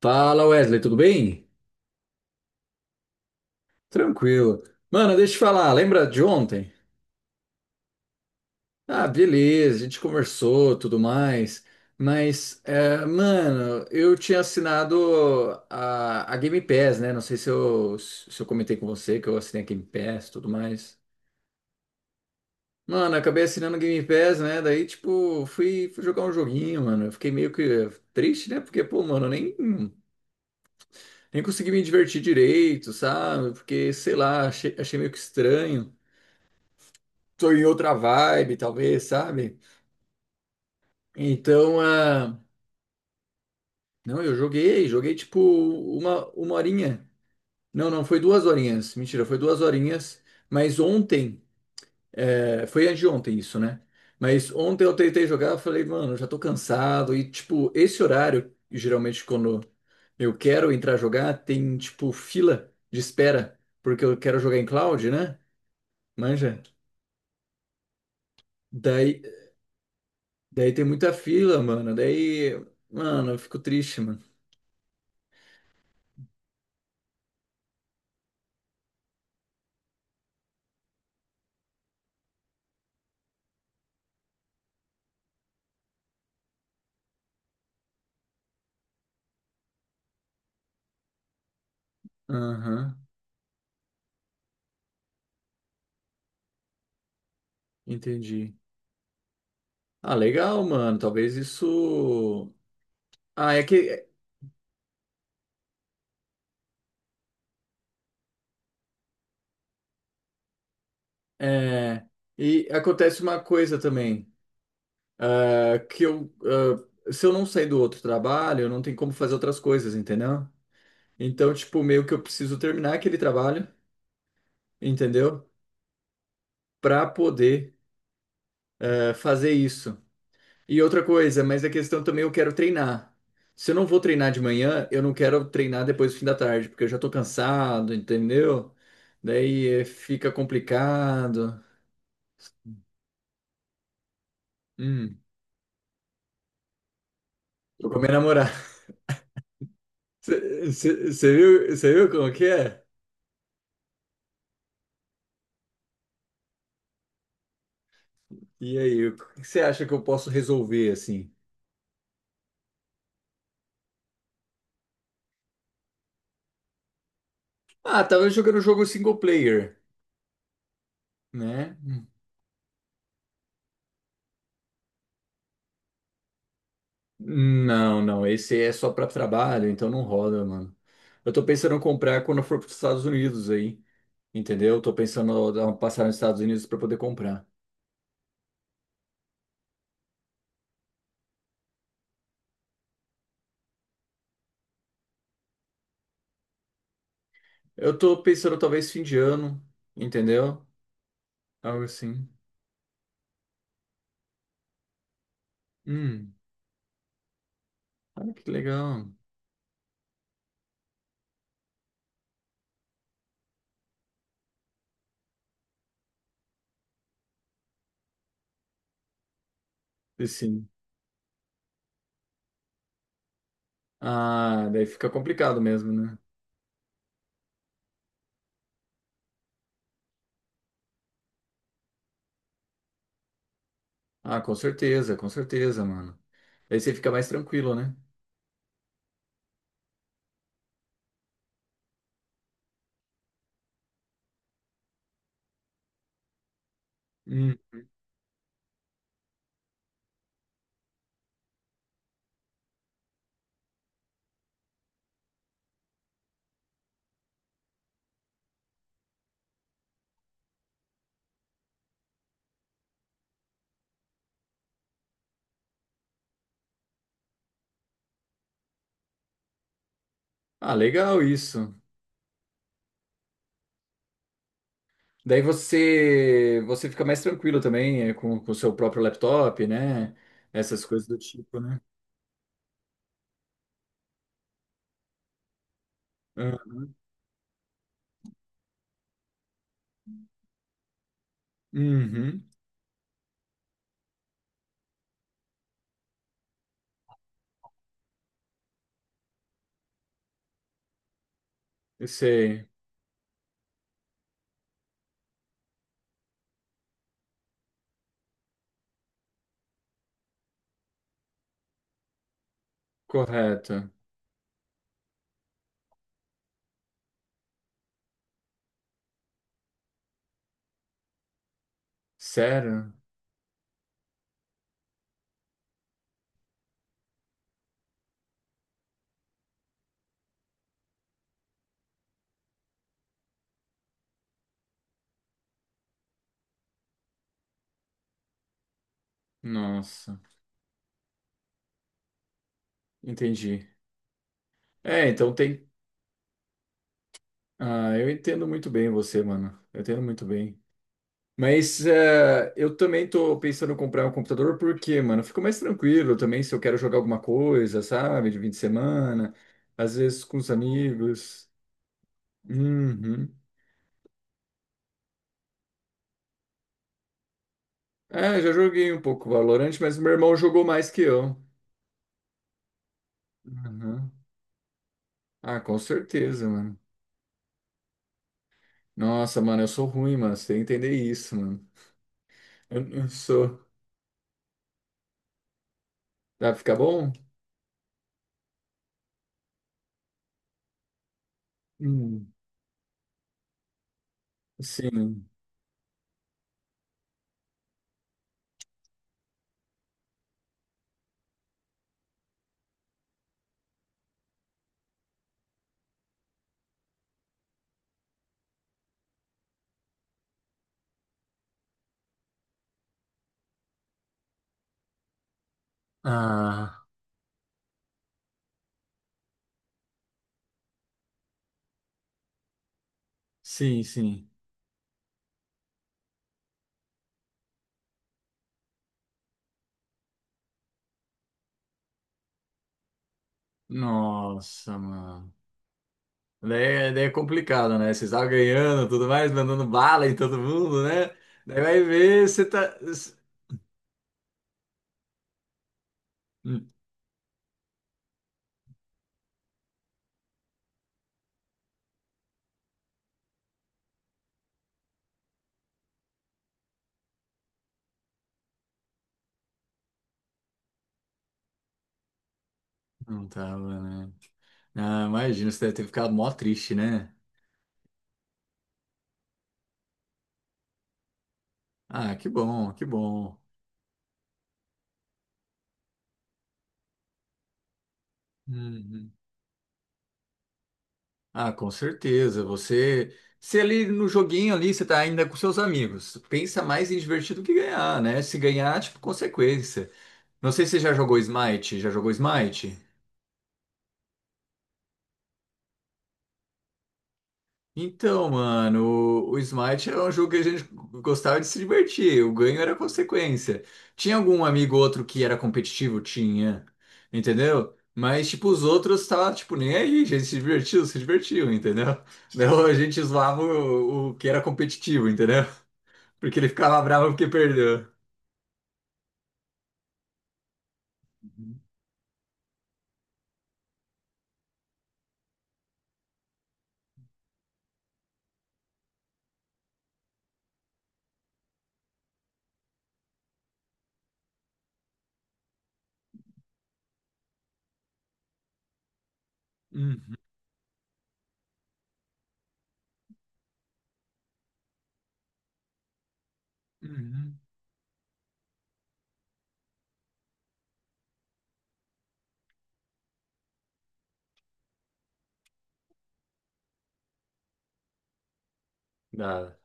Fala Wesley, tudo bem? Tranquilo. Mano, deixa eu te falar, lembra de ontem? Ah, beleza, a gente conversou, tudo mais, mas, mano, eu tinha assinado a Game Pass, né? Não sei se eu comentei com você que eu assinei a Game Pass, tudo mais. Mano, acabei assinando a Game Pass, né? Daí, tipo, fui jogar um joguinho, mano. Eu fiquei meio que triste, né? Porque, pô, mano, eu nem, nem consegui me divertir direito, sabe? Porque, sei lá, achei meio que estranho. Tô em outra vibe, talvez, sabe? Então, ah, não, eu joguei, joguei tipo uma horinha. Não, não, foi duas horinhas. Mentira, foi duas horinhas. Mas ontem, é, foi anteontem isso, né? Mas ontem eu tentei jogar, eu falei, mano, já tô cansado. E, tipo, esse horário, geralmente quando eu quero entrar jogar, tem, tipo, fila de espera, porque eu quero jogar em cloud, né? Manja. Daí, daí tem muita fila, mano. Daí, mano, eu fico triste, mano. Aham, entendi. Ah, legal, mano. Talvez isso. Ah, é que. É... E acontece uma coisa também, é que eu, ah, se eu não sair do outro trabalho, eu não tenho como fazer outras coisas, entendeu? Então, tipo, meio que eu preciso terminar aquele trabalho, entendeu? Pra poder, fazer isso. E outra coisa, mas a questão também eu quero treinar. Se eu não vou treinar de manhã, eu não quero treinar depois do fim da tarde, porque eu já tô cansado, entendeu? Daí fica complicado. Hum, tô com a minha namorada. Você viu, cê viu como que é? E aí, o que você acha que eu posso resolver assim? Ah, tava jogando jogo single player, né? Não, não, esse é só pra trabalho, então não roda, mano. Eu tô pensando em comprar quando eu for pros Estados Unidos aí. Entendeu? Tô pensando em dar uma passada nos Estados Unidos para poder comprar. Eu tô pensando talvez fim de ano, entendeu? Algo assim. Hum, ah, que legal. E sim. Ah, daí fica complicado mesmo, né? Ah, com certeza, mano. Daí você fica mais tranquilo, né? Hum. Ah, legal isso. Daí você fica mais tranquilo também é, com o seu próprio laptop, né? Essas coisas do tipo, né? Ah, Uhum, eu sei. Correto. Sério? Nossa, entendi. É, então tem. Ah, eu entendo muito bem você, mano. Eu entendo muito bem. Mas eu também tô pensando em comprar um computador porque, mano, eu fico mais tranquilo também se eu quero jogar alguma coisa, sabe? De fim de semana, às vezes com os amigos. Uhum. É, já joguei um pouco Valorant, mas meu irmão jogou mais que eu. Uhum. Ah, com certeza, mano. Nossa, mano, eu sou ruim, mano. Você tem que entender isso, mano. Eu sou. Dá pra ficar bom? Hum. Sim. Ah, sim, sim. Nossa, mano. Daí, daí é complicado, né? Vocês estavam ganhando, tudo mais, mandando bala em todo mundo, né? Daí vai ver, você tá. Hum, Não tava, né? Ah, imagina, você deve ter ficado mó triste, né? Ah, que bom, que bom. Uhum. Ah, com certeza. Você, se ali no joguinho ali, você tá ainda com seus amigos, pensa mais em divertir do que ganhar, né? Se ganhar, tipo, consequência. Não sei se você já jogou Smite. Já jogou Smite? Então, mano, o Smite era um jogo que a gente gostava de se divertir, o ganho era consequência. Tinha algum amigo ou outro que era competitivo? Tinha, entendeu? Mas, tipo, os outros tava, tipo, nem aí, a gente se divertiu, se divertiu, entendeu? Não, a gente zoava o que era competitivo, entendeu? Porque ele ficava bravo porque perdeu. Uhum, uhum. Dá.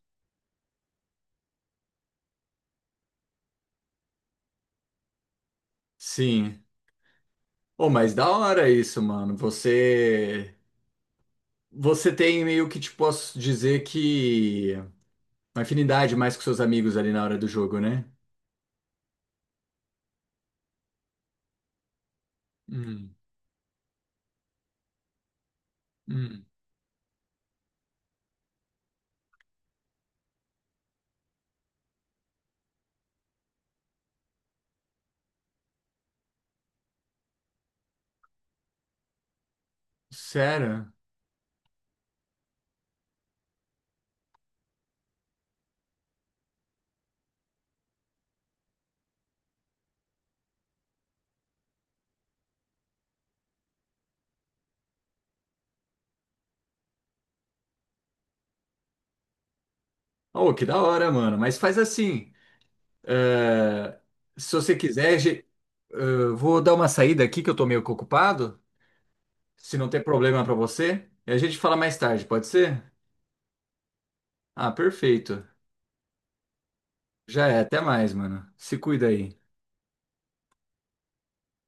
Sim. Oh, mas da hora isso, mano. Você. Você tem meio que, tipo, posso dizer que. Uma afinidade mais com seus amigos ali na hora do jogo, né? Hum, hum. Sério? Oh, que da hora, mano. Mas faz assim. eh, Se você quiser, vou dar uma saída aqui que eu tô meio que ocupado. Se não tem problema pra você, e a gente fala mais tarde, pode ser? Ah, perfeito. Já é. Até mais, mano. Se cuida aí.